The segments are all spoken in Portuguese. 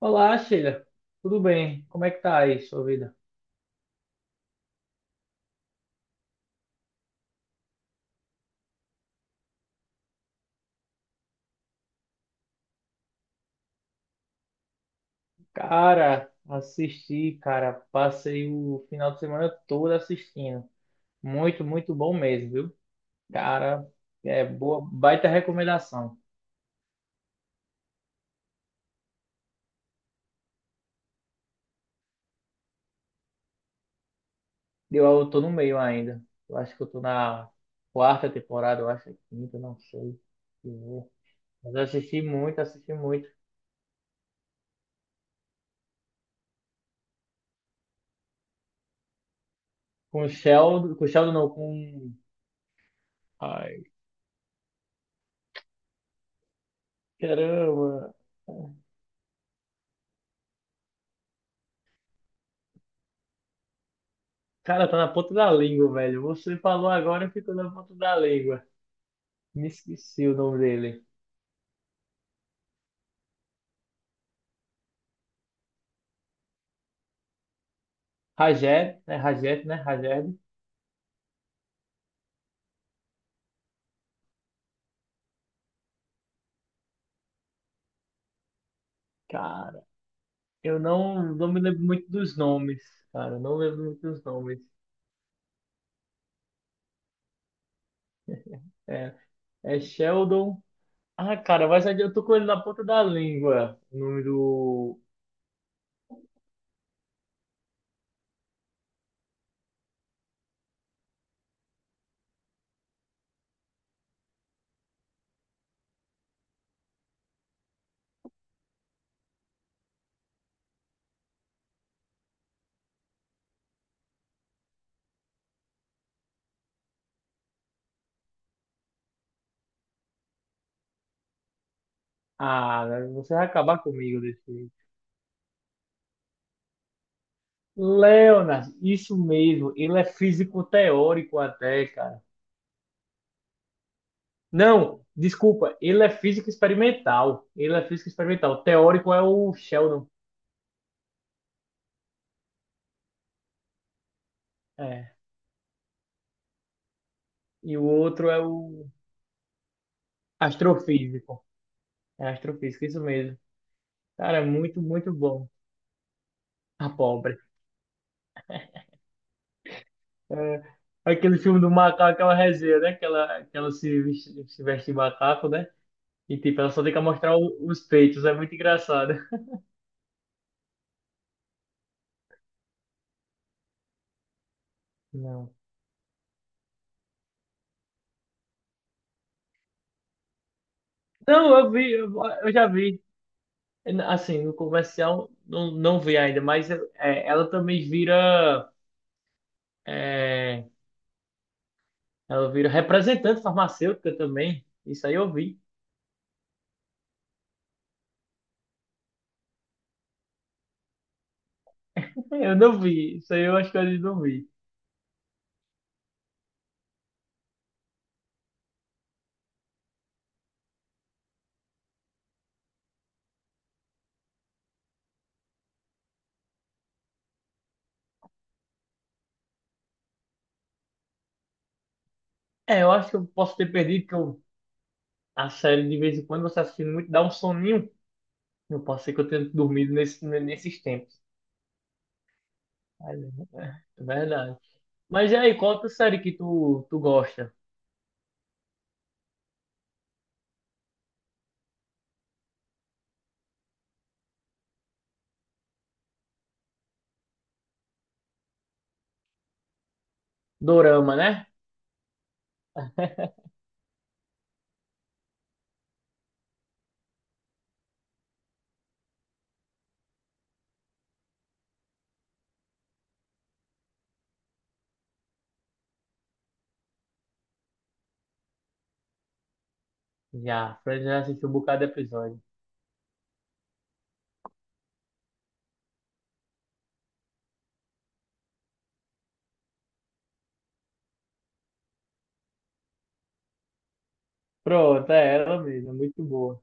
Olá, Sheila. Tudo bem? Como é que tá aí sua vida? Cara, assisti, cara, passei o final de semana todo assistindo. Muito, muito bom mesmo, viu? Cara, é boa, baita recomendação. Eu tô no meio ainda. Eu acho que eu tô na quarta temporada, eu acho, quinta, não sei. Mas eu assisti muito, assisti muito. Com o Sheldon não, com... Ai, caramba. Cara, tá na ponta da língua, velho. Você falou agora, e ficou na ponta da língua. Me esqueci o nome dele. Rajed, né? Rajed, né? Rajed. Cara, eu não me lembro muito dos nomes, cara. Não lembro muito dos nomes. É, é Sheldon. Ah, cara, mas eu tô com ele na ponta da língua. O nome do. Ah, né? Você vai acabar comigo desse jeito. Leonard, isso mesmo. Ele é físico teórico até, cara. Não, desculpa, ele é físico experimental. Ele é físico experimental. Teórico é o Sheldon. É. E o outro é o astrofísico. É astrofísico, isso mesmo. Cara, é muito, muito bom. A pobre. É, aquele filme do macaco, aquela resenha, né? Que ela se veste, se veste de macaco, né? E tipo, ela só tem que mostrar o- os peitos. É muito engraçado. Não. Não, eu vi, eu já vi. Assim, no comercial, não, não vi ainda, mas é, ela também vira. É, ela vira representante farmacêutica também. Isso aí eu vi. Eu não vi. Isso aí eu acho que eu não vi. É, eu acho que eu posso ter perdido, que eu, a série de vez em quando você assistindo muito, dá um soninho. Eu posso ser que eu tenha dormido nesse, nesses tempos. Mas, é é verdade. Mas e aí, qual outra série que tu gosta? Dorama, né? Já, Fred já assistiu um bocado de episódio. Pronto, é ela mesmo, muito boa.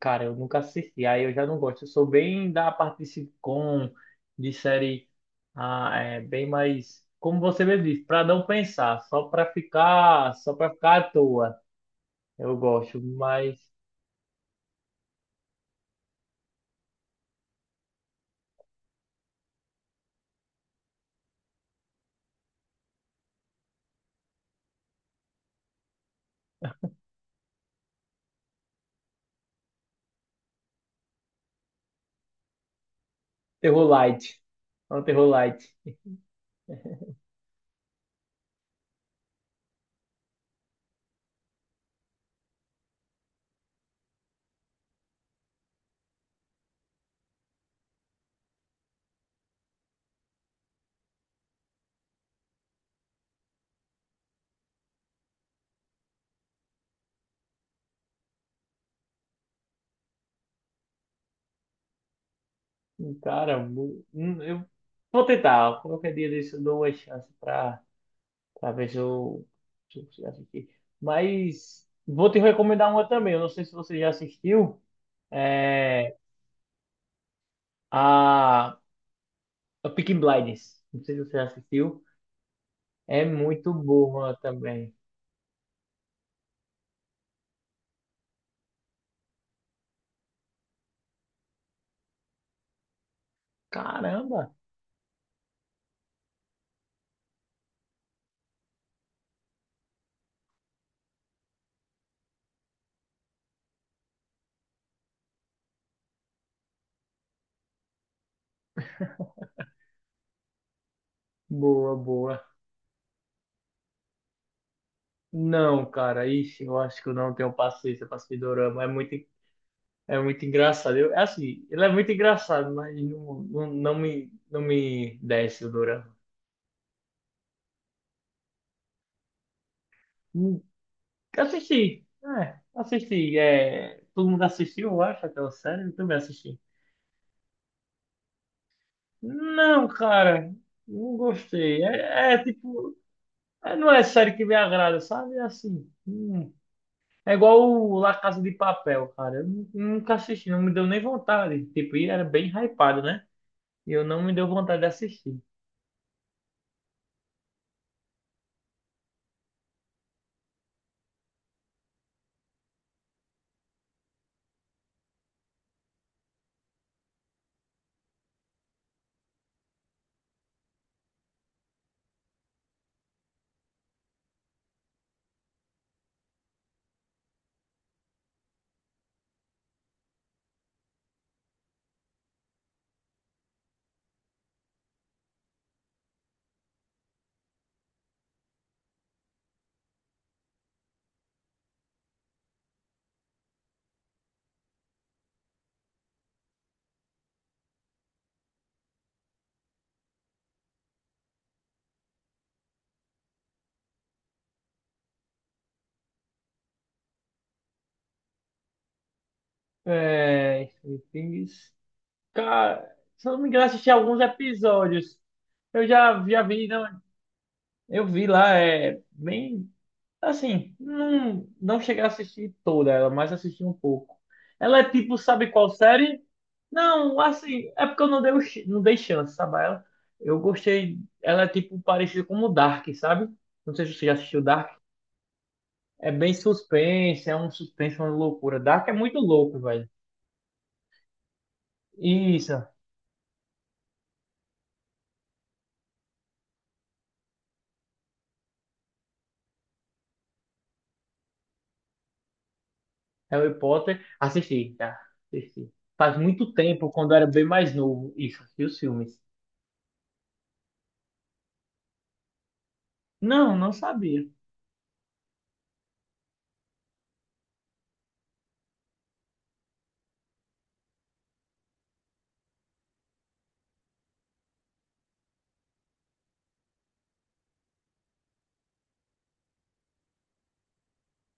Cara, eu nunca assisti, aí eu já não gosto. Eu sou bem da parte de sitcom, de série, ah, é, bem mais, como você mesmo disse, para não pensar, só para ficar à toa. Eu gosto, mas terror light, é um terror light. Cara, eu vou tentar. Qualquer dia desse eu dou uma chance para ver se eu se eu consigo assistir. Mas vou te recomendar uma também. Eu não sei se você já assistiu. É a A Peaky Blinders. Não sei se você já assistiu. É muito boa também. Caramba! Boa, boa. Não, cara, ixi, eu acho que eu não tenho paciência para assistir dorama. É muito engraçado. Eu, é assim, ele é muito engraçado, mas não, não, não me desce o dorama. Hum, Assisti, é, assisti. É, todo mundo assistiu, eu acho, aquela série, eu também assisti. Não, cara, não gostei. É, é tipo, é, não é série que me agrada, sabe? É assim, hum. É igual o La Casa de Papel, cara. Eu nu- nunca assisti, não me deu nem vontade. Tipo, e era bem hypado, né? E eu não me deu vontade de assistir. É, Stranger Things. Cara, se eu não me engano, assisti alguns episódios. Eu já, já vi, não, eu vi lá, é bem, assim, não, não cheguei a assistir toda ela, mas assisti um pouco. Ela é tipo, sabe qual série? Não, assim, é porque eu não dei, o ch- não dei chance, sabe? A ela, eu gostei. Ela é tipo parecida com o Dark, sabe? Não sei se você já assistiu Dark. É bem suspense, é um suspense, uma loucura. Dark é muito louco, velho. Isso, Harry Potter. Assisti, tá? Assisti. Faz muito tempo, quando eu era bem mais novo. Isso, assisti os filmes. Não, não sabia.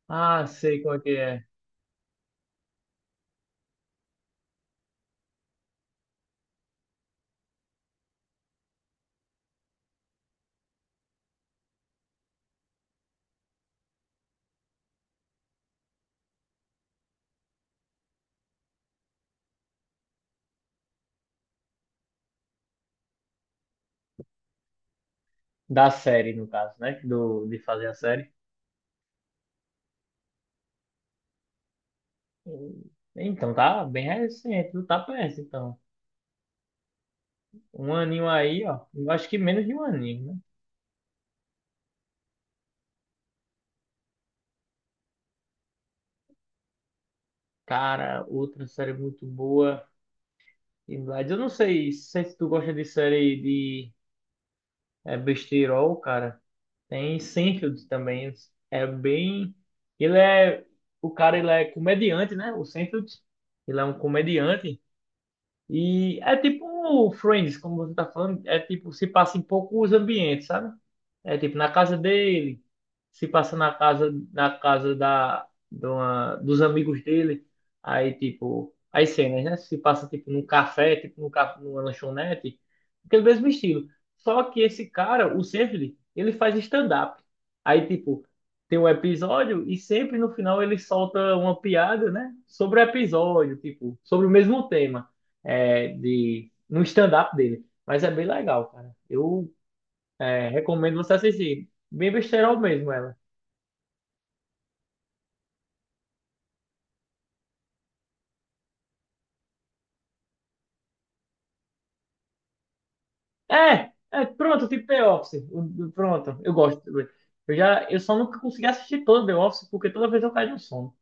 Ah, sei qual é que é. Da série, no caso, né? Do, de fazer a série. Então, tá bem recente, não tá perto, então. Um aninho aí, ó. Eu acho que menos de um aninho, né? Cara, outra série muito boa. E Blades, eu não sei, sei se tu gosta de série de besteirol, cara. Tem Seinfeld também. É bem. Ele é. O cara, ele é comediante, né? O Seinfeld. Ele é um comediante. E é tipo Friends, como você tá falando, é tipo, se passa em poucos ambientes, sabe? É tipo na casa dele, se passa na casa da, de uma- dos amigos dele, aí tipo, as cenas, né? Se passa tipo num café, tipo num, ca- numa lanchonete, aquele mesmo estilo. Só que esse cara, o Seinfeld, ele faz stand-up. Aí tipo, tem um episódio e sempre no final ele solta uma piada, né? Sobre o episódio, tipo, sobre o mesmo tema de, no stand-up dele. Mas é bem legal, cara. Eu recomendo você assistir. Bem besterol mesmo ela. É, é pronto, tipo The Office. Pronto, eu gosto. Eu só nunca consegui assistir todo The Office porque toda vez eu caio no sono.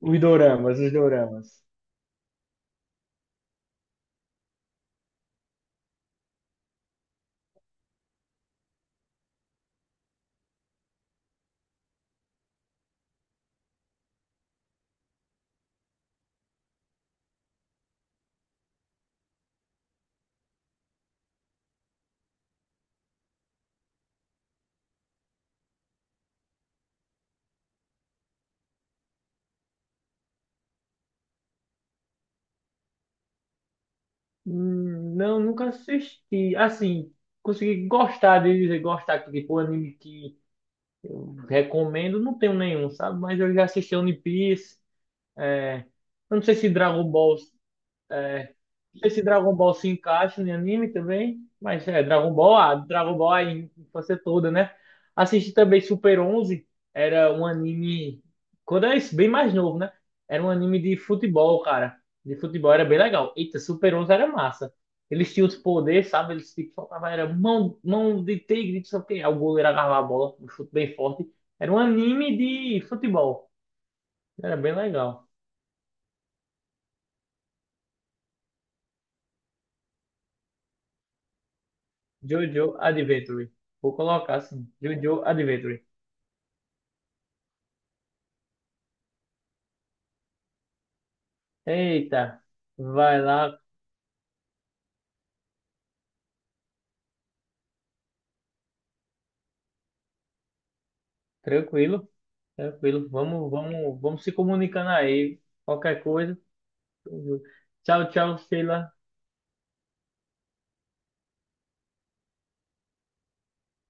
Os doramas, os doramas. Não, nunca assisti. Assim, consegui gostar de dizer gostar, porque tipo, anime que eu recomendo, não tenho nenhum, sabe? Mas eu já assisti One Piece. É, eu não sei se Dragon Ball. Não sei se Dragon Ball se encaixa em anime também, mas é Dragon Ball, ah, Dragon Ball é a infância toda, né? Assisti também Super Onze, era um anime, quando eu era bem mais novo, né? Era um anime de futebol, cara. De futebol era bem legal. Eita, Super Onze era massa. Eles tinham os poderes, sabe? Eles tipo, soltavam, era mão, mão de tigre, não sei o quê. Aí o goleiro agarrava a bola, um chute bem forte. Era um anime de futebol. Era bem legal. JoJo Adventure. Vou colocar assim, JoJo Adventure. Eita, vai lá, tranquilo, tranquilo. Vamos, vamos, vamos se comunicando aí. Qualquer coisa. Tchau, tchau, Sheila.